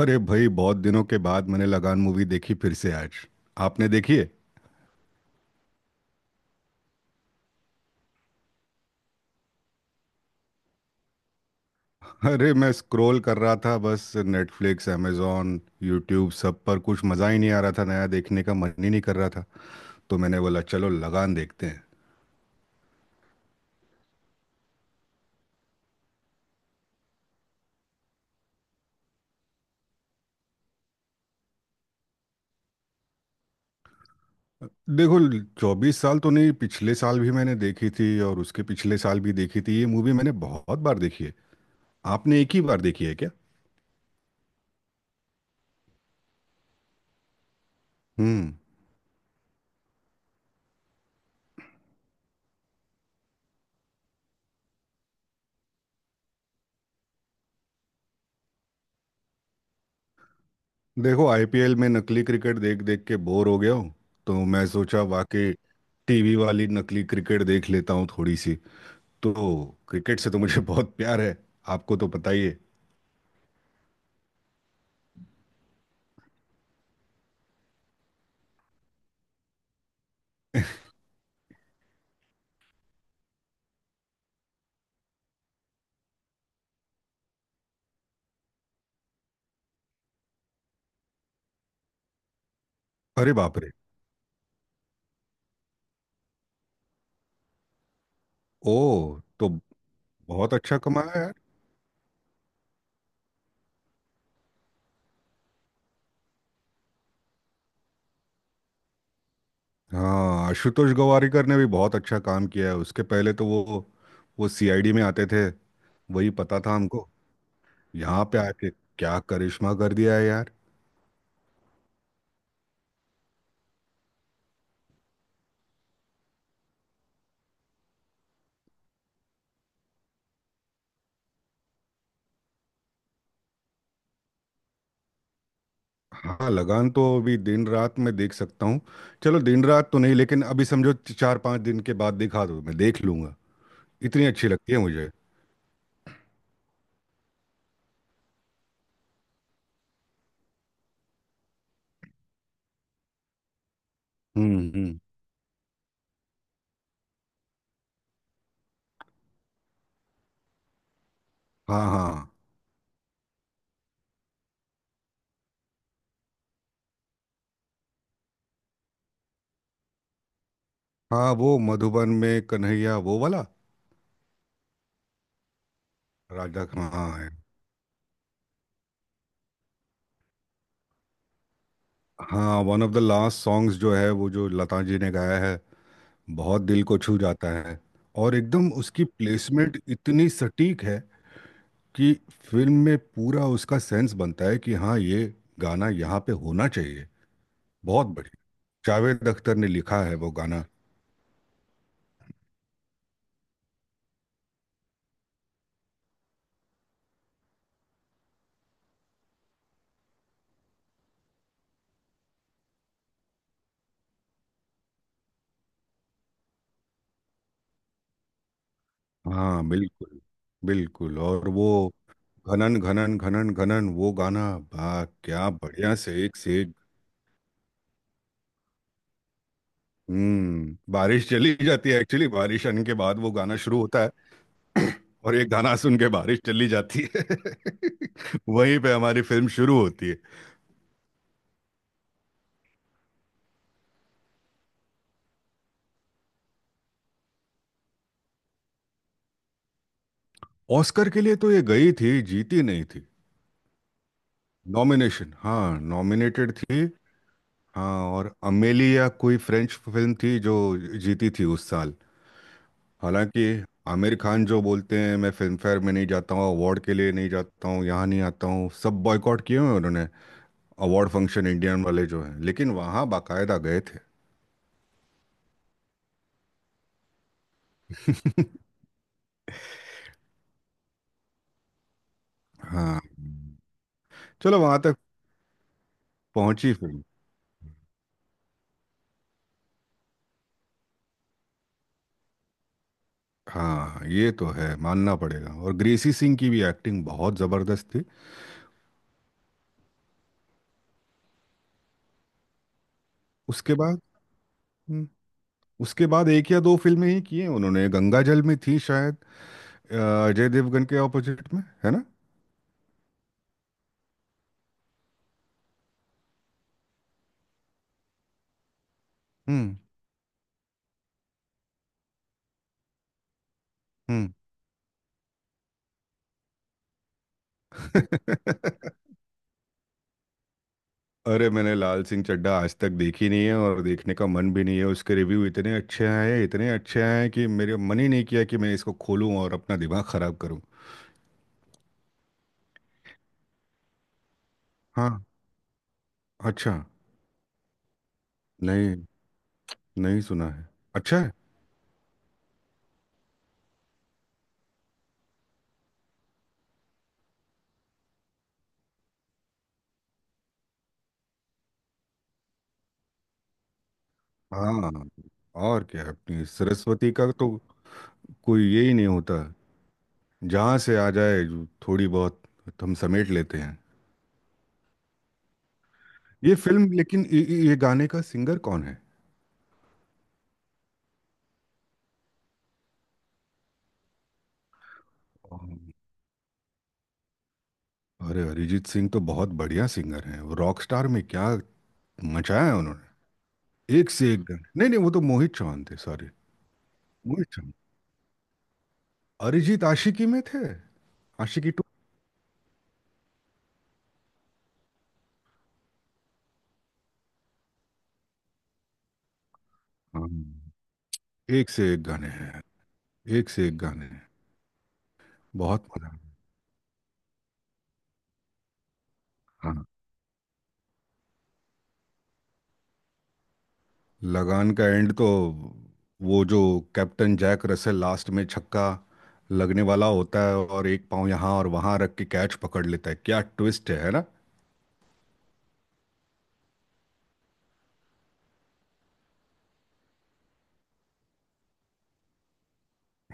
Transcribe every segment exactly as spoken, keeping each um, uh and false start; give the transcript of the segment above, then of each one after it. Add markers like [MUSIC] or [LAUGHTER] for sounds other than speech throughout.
अरे भाई बहुत दिनों के बाद मैंने लगान मूवी देखी फिर से आज। आपने देखी है? अरे मैं स्क्रॉल कर रहा था बस, नेटफ्लिक्स अमेज़ॉन यूट्यूब सब पर कुछ मज़ा ही नहीं आ रहा था। नया देखने का मन ही नहीं कर रहा था। तो मैंने बोला चलो लगान देखते हैं। देखो, चौबीस साल तो नहीं, पिछले साल भी मैंने देखी थी और उसके पिछले साल भी देखी थी। ये मूवी मैंने बहुत बार देखी है। आपने एक ही बार देखी है क्या? हम्म। देखो, आईपीएल में नकली क्रिकेट देख देख के बोर हो गया हूँ। तो मैं सोचा वाकई टीवी वाली नकली क्रिकेट देख लेता हूँ थोड़ी सी। तो क्रिकेट से तो मुझे [LAUGHS] बहुत प्यार है। आपको तो पता ही है। अरे बाप रे। ओ। तो बहुत अच्छा कमाया यार। हाँ, आशुतोष गवारीकर ने भी बहुत अच्छा काम किया है। उसके पहले तो वो वो सीआईडी में आते थे। वही पता था हमको। यहाँ पे आके क्या करिश्मा कर दिया है यार। हाँ, लगान तो अभी दिन रात में देख सकता हूँ। चलो दिन रात तो नहीं, लेकिन अभी समझो च- चार पांच दिन के बाद दिखा दो, मैं देख लूंगा। इतनी अच्छी लगती है मुझे। हम्म हम्म। हाँ हाँ हाँ, वो मधुबन में कन्हैया वो वाला। राजा का हाँ है। हाँ, one of the last songs जो है, वो जो लता जी ने गाया है। बहुत दिल को छू जाता है। और एकदम उसकी प्लेसमेंट इतनी सटीक है कि फिल्म में पूरा उसका सेंस बनता है कि हाँ, ये गाना यहाँ पे होना चाहिए। बहुत बढ़िया। जावेद अख्तर ने लिखा है वो गाना। हाँ बिल्कुल। बिल्कुल। और वो घनन घनन घनन घनन वो गाना बा क्या बढ़िया, से एक से एक। हम्म बारिश चली जाती है, एक्चुअली बारिश आने के बाद वो गाना शुरू होता है। [CLEARS THROAT] और एक गाना सुन के बारिश चली जाती है [LAUGHS] वहीं पे हमारी फिल्म शुरू होती है। ऑस्कर के लिए तो ये गई थी, जीती नहीं थी। नॉमिनेशन, हाँ, नॉमिनेटेड थी। हाँ, और अमेलिया कोई फ्रेंच फिल्म थी जो जीती थी उस साल। हालांकि आमिर खान जो बोलते हैं, मैं फिल्म फेयर में नहीं जाता हूँ, अवार्ड के लिए नहीं जाता हूँ, यहाँ नहीं आता हूँ, सब बॉयकॉट किए हुए हैं उन्होंने अवार्ड फंक्शन इंडियन वाले जो हैं, लेकिन वहाँ बाकायदा गए थे। [LAUGHS] हाँ। चलो वहाँ तक पहुँची फिल्म। हाँ ये तो है, मानना पड़ेगा। और ग्रेसी सिंह की भी एक्टिंग बहुत ज़बरदस्त थी। उसके बाद। हम्म। उसके बाद एक या दो फिल्में ही की हैं उन्होंने। गंगा जल में थी शायद, अ, अजय देवगन के ऑपोजिट में, है ना? हम्म हम्म। [LAUGHS] अरे, मैंने लाल सिंह चड्ढा आज तक देखी नहीं है और देखने का मन भी नहीं है। उसके रिव्यू इतने अच्छे आए हैं, इतने अच्छे आए हैं कि मेरे मन ही नहीं किया कि मैं इसको खोलूं और अपना दिमाग खराब करूं। हाँ। अच्छा। नहीं। नहीं सुना है। अच्छा है। हाँ, और क्या, अपनी सरस्वती का तो कोई ये ही नहीं होता। जहाँ से आ जाए जो थोड़ी बहुत, तो हम समेट लेते हैं। ये फिल्म लेकिन ये, ये ये गाने का सिंगर कौन है? अरे, अरिजीत सिंह तो बहुत बढ़िया सिंगर हैं। वो रॉक स्टार में क्या मचाया है उन्होंने। एक से एक गाने। नहीं नहीं, वो तो मोहित चौहान थे, सॉरी। मोहित चौहान। अरिजीत आशिकी में थे। आशिकी टू। हाँ एक से एक गाने हैं। एक से एक गाने हैं। बहुत मजा आया। हाँ। लगान का एंड तो वो जो कैप्टन जैक रसेल लास्ट में छक्का लगने वाला होता है और एक पाँव यहाँ और वहाँ रख के कैच पकड़ लेता है। क्या ट्विस्ट है है ना।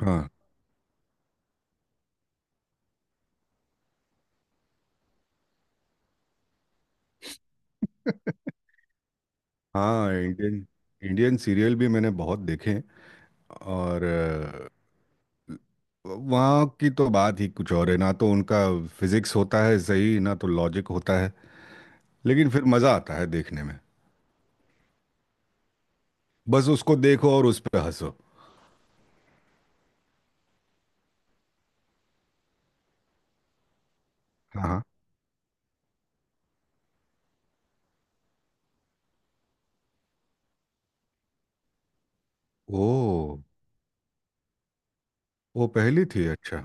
हाँ [LAUGHS] हाँ इंडियन इंडियन सीरियल भी मैंने बहुत देखे। और वहाँ की तो बात ही कुछ और है ना। तो उनका फिजिक्स होता है, सही ना, तो लॉजिक होता है। लेकिन फिर मज़ा आता है देखने में। बस उसको देखो और उस पर हंसो। हाँ हाँ। ओ। वो पहली थी, अच्छा।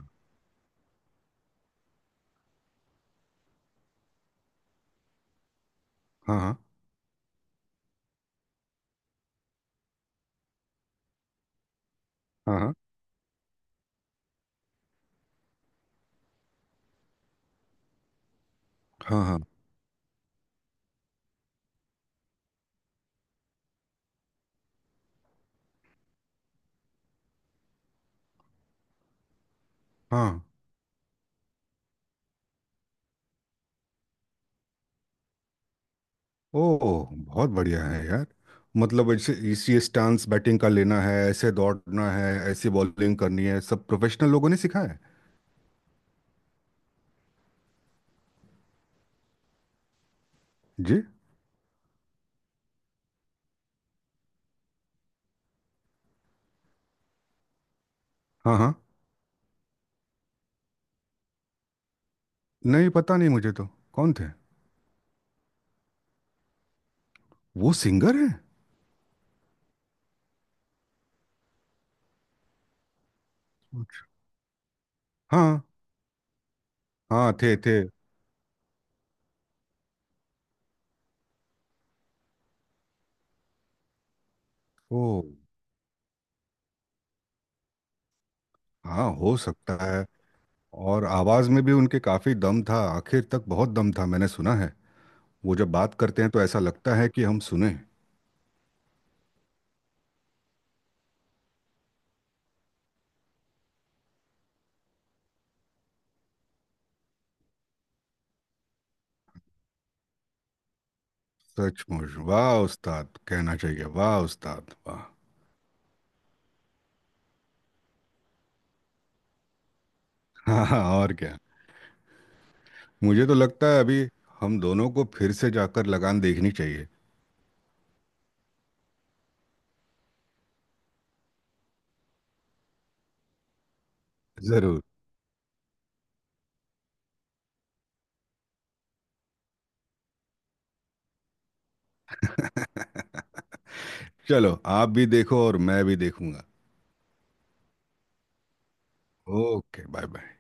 हाँ हाँ हाँ। हाँ हाँ हाँ हाँ। ओ, बहुत बढ़िया है यार। मतलब ऐसे इसी स्टांस बैटिंग का लेना है, ऐसे दौड़ना है, ऐसी बॉलिंग करनी है, सब प्रोफेशनल लोगों ने सिखाया है। जी। हाँ हाँ। नहीं, पता नहीं मुझे तो, कौन थे? वो सिंगर है? हाँ हाँ थे थे। ओ। हाँ, हो सकता है। और आवाज में भी उनके काफी दम था, आखिर तक बहुत दम था, मैंने सुना है। वो जब बात करते हैं तो ऐसा लगता है कि हम सुने। सचमुच, वाह उस्ताद कहना चाहिए, वाह उस्ताद वाह। हाँ हाँ, और क्या। मुझे तो लगता है अभी हम दोनों को फिर से जाकर लगान देखनी चाहिए। जरूर। चलो आप भी देखो और मैं भी देखूंगा। Okay bye bye.